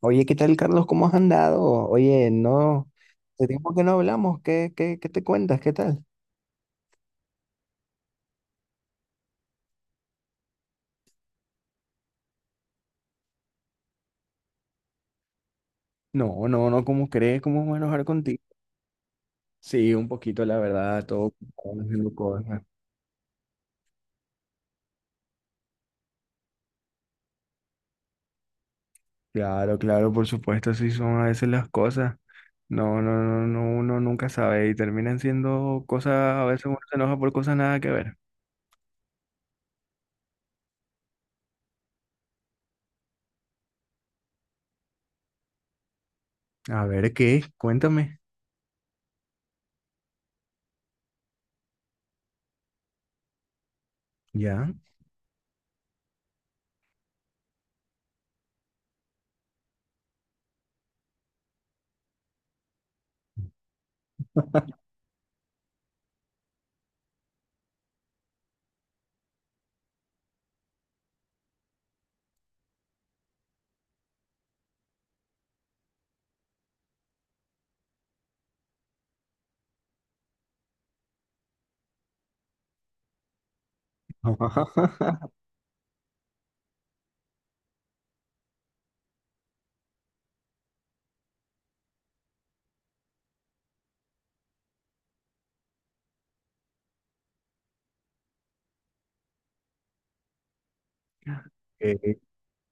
Oye, ¿qué tal, Carlos? ¿Cómo has andado? Oye, no, hace tiempo que no hablamos. ¿Qué te cuentas? ¿Qué tal? No, no, no, ¿cómo crees? ¿Cómo voy a enojar contigo? Sí, un poquito, la verdad, todo ocupado haciendo cosas. Claro, claro, por supuesto, así son a veces las cosas. No, no, no, no, uno nunca sabe y terminan siendo cosas, a veces uno se enoja por cosas nada que ver. A ver, ¿qué? Cuéntame, ¿ya? Eh,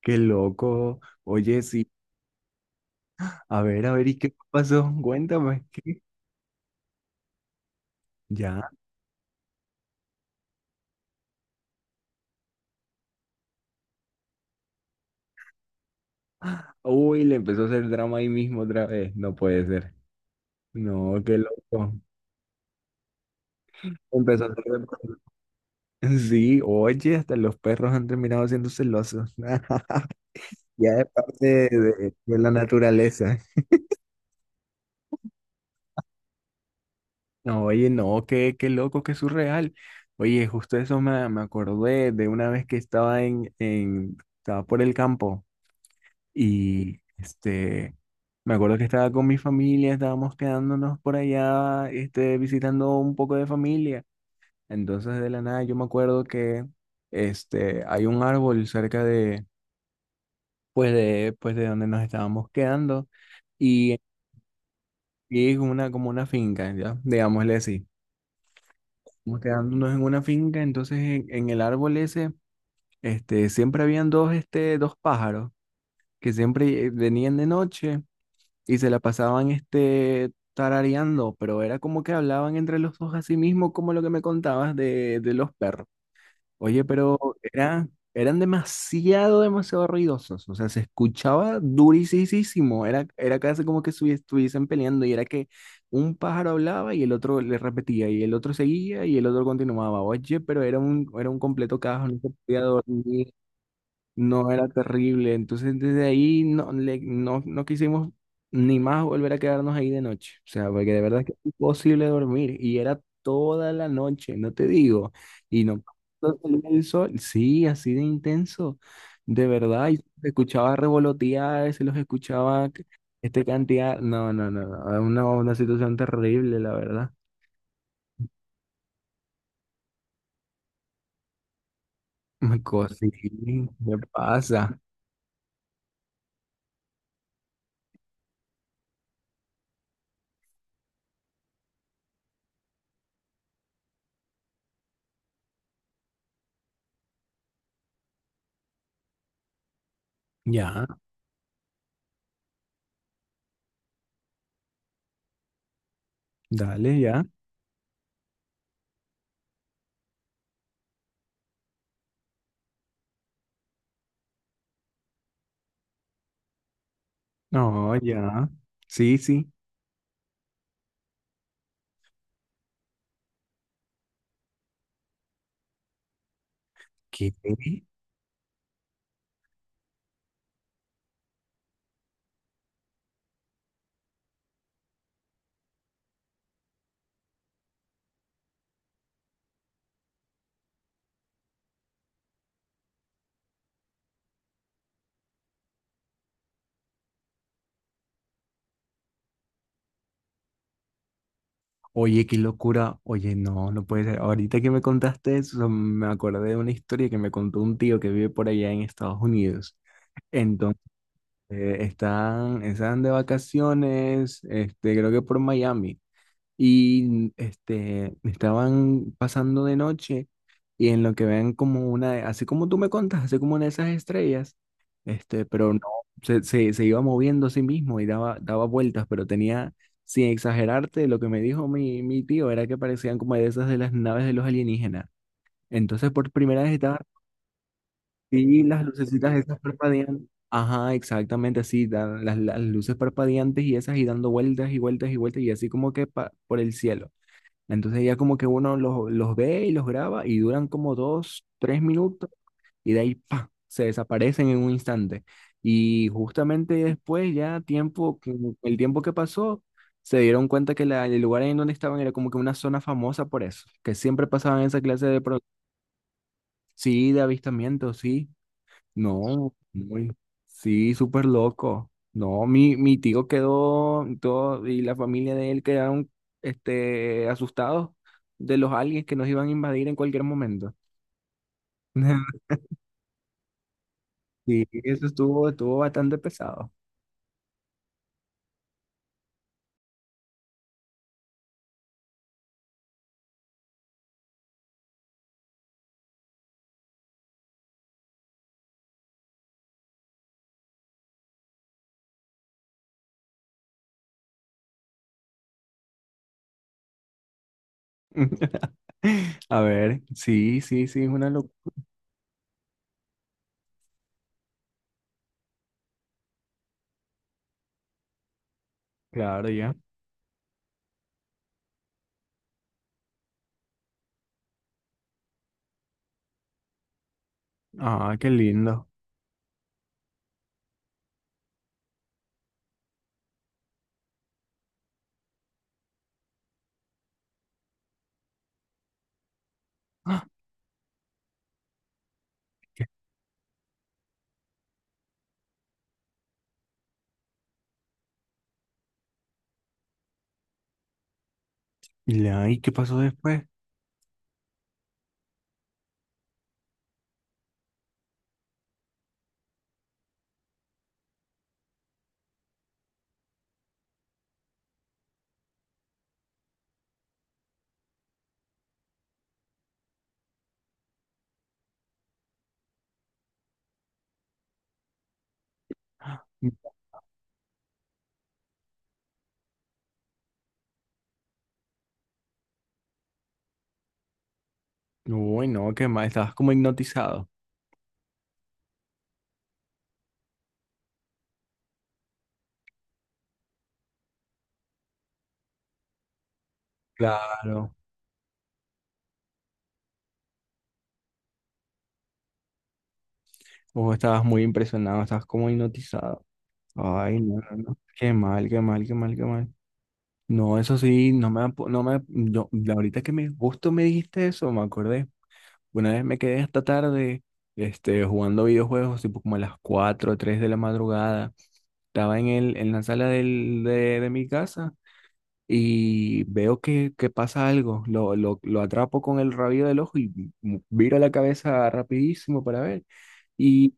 qué loco. Oye, sí, a ver, ¿y qué pasó? Cuéntame, ¿qué? Ya. Uy, le empezó a hacer drama ahí mismo otra vez. No puede ser. No, qué loco. Empezó a hacer drama. Sí, oye, hasta los perros han terminado siendo celosos. Ya es parte de la naturaleza. No, oye, no, qué loco, qué surreal. Oye, justo eso me acordé de una vez que estaba por el campo y me acuerdo que estaba con mi familia, estábamos quedándonos por allá, visitando un poco de familia. Entonces de la nada yo me acuerdo que hay un árbol cerca de donde nos estábamos quedando y, y es una, como una finca, ¿ya? Digámosle así. Estamos quedándonos en una finca, entonces en, en el árbol ese, siempre habían dos pájaros que siempre venían de noche y se la pasaban tarareando, pero era como que hablaban entre los dos así mismo como lo que me contabas de los perros. Oye, pero eran demasiado, demasiado ruidosos. O sea, se escuchaba durísimo. Era, era casi como que estuviesen peleando y era que un pájaro hablaba y el otro le repetía y el otro seguía y el otro continuaba. Oye, pero era un completo caos, no se podía dormir. No era terrible. Entonces desde ahí no, no, no quisimos ni más volver a quedarnos ahí de noche. O sea, porque de verdad es que es imposible dormir. Y era toda la noche, no te digo. Y no salía el sol. Sí, así de intenso. De verdad. Y se escuchaba revolotear, se los escuchaba cantidad. No, no, no, no. Era una situación terrible, la verdad. Me cosí, ¿qué pasa? Ya, dale, ya. No, ya. Sí, sí. ¿Qué? Oye, qué locura. Oye, no, no puede ser. Ahorita que me contaste eso, me acordé de una historia que me contó un tío que vive por allá en Estados Unidos. Entonces, están de vacaciones, creo que por Miami. Y estaban pasando de noche y en lo que ven como así como tú me contas, así como una de esas estrellas, pero no, se iba moviendo a sí mismo y daba vueltas, pero tenía, sin exagerarte, lo que me dijo mi tío era que parecían como de esas de las naves de los alienígenas. Entonces por primera vez estaba, sí, las lucecitas esas parpadean. Ajá, exactamente así, las luces parpadeantes y esas y dando vueltas y vueltas y vueltas y así como que por el cielo. Entonces ya como que uno los ve y los graba y duran como dos, tres minutos y de ahí ¡pa! Se desaparecen en un instante. Y justamente después ya tiempo, el tiempo que pasó, se dieron cuenta que el lugar en donde estaban era como que una zona famosa por eso, que siempre pasaban esa clase de... Sí, de avistamientos, sí. No, muy, sí, súper loco. No, mi tío quedó y todo y la familia de él quedaron asustados de los aliens que nos iban a invadir en cualquier momento. Sí, eso estuvo bastante pesado. A ver, sí, sí, sí, es una locura. Claro, ya. Ah, qué lindo. Ah, qué- ¿y qué pasó después? Uy, no, qué mal, estabas como hipnotizado. Claro. O estabas muy impresionado, estabas como hipnotizado. Ay, no, no, no. Qué mal, qué mal, qué mal, qué mal. No, eso sí, no me, no me, yo, ahorita que me, justo me dijiste eso, me acordé. Una vez me quedé hasta tarde, jugando videojuegos, tipo como a las 4 o 3 de la madrugada. Estaba en el, en la sala del, de mi casa y veo que pasa algo. Lo atrapo con el rabillo del ojo y viro la cabeza rapidísimo para ver. Y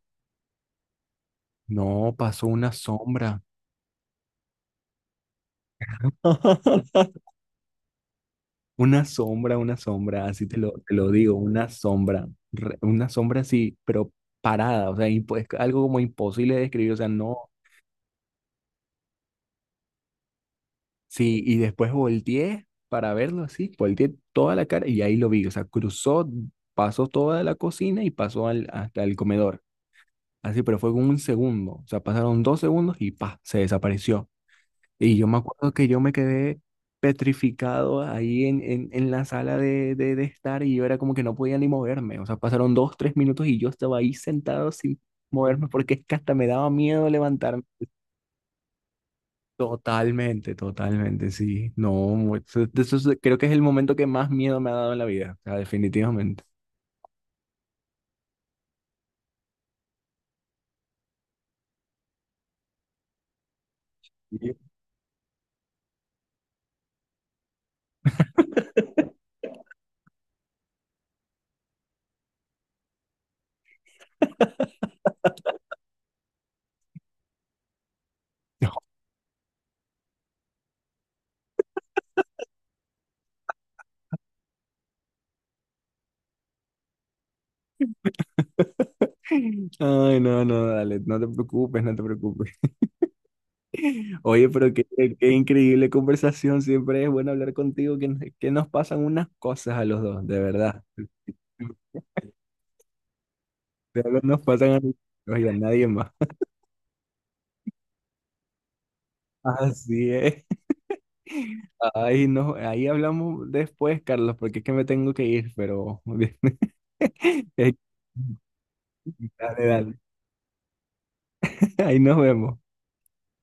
no, pasó una sombra. Una sombra, así te lo digo, una sombra, una sombra así, pero parada, o sea, es algo como imposible de describir, o sea, no, sí, y después volteé para verlo así, volteé toda la cara y ahí lo vi, o sea, cruzó, pasó toda la cocina y pasó al, hasta el comedor, así, pero fue como un segundo, o sea, pasaron dos segundos y pa, se desapareció. Y yo me acuerdo que yo me quedé petrificado ahí en, en la sala de estar y yo era como que no podía ni moverme. O sea, pasaron dos, tres minutos y yo estaba ahí sentado sin moverme porque es que hasta me daba miedo levantarme. Totalmente, totalmente, sí. No, eso, creo que es el momento que más miedo me ha dado en la vida, o sea, definitivamente. Sí. Ay, no, no, dale, no te preocupes, no te preocupes. Oye, pero qué, increíble conversación. Siempre es bueno hablar contigo, que nos pasan unas cosas a los dos, de verdad. De verdad nos pasan a los dos y a nadie más. Así es. Ahí, no, ahí hablamos después, Carlos, porque es que me tengo que ir, pero... Dale, dale. Ahí nos vemos.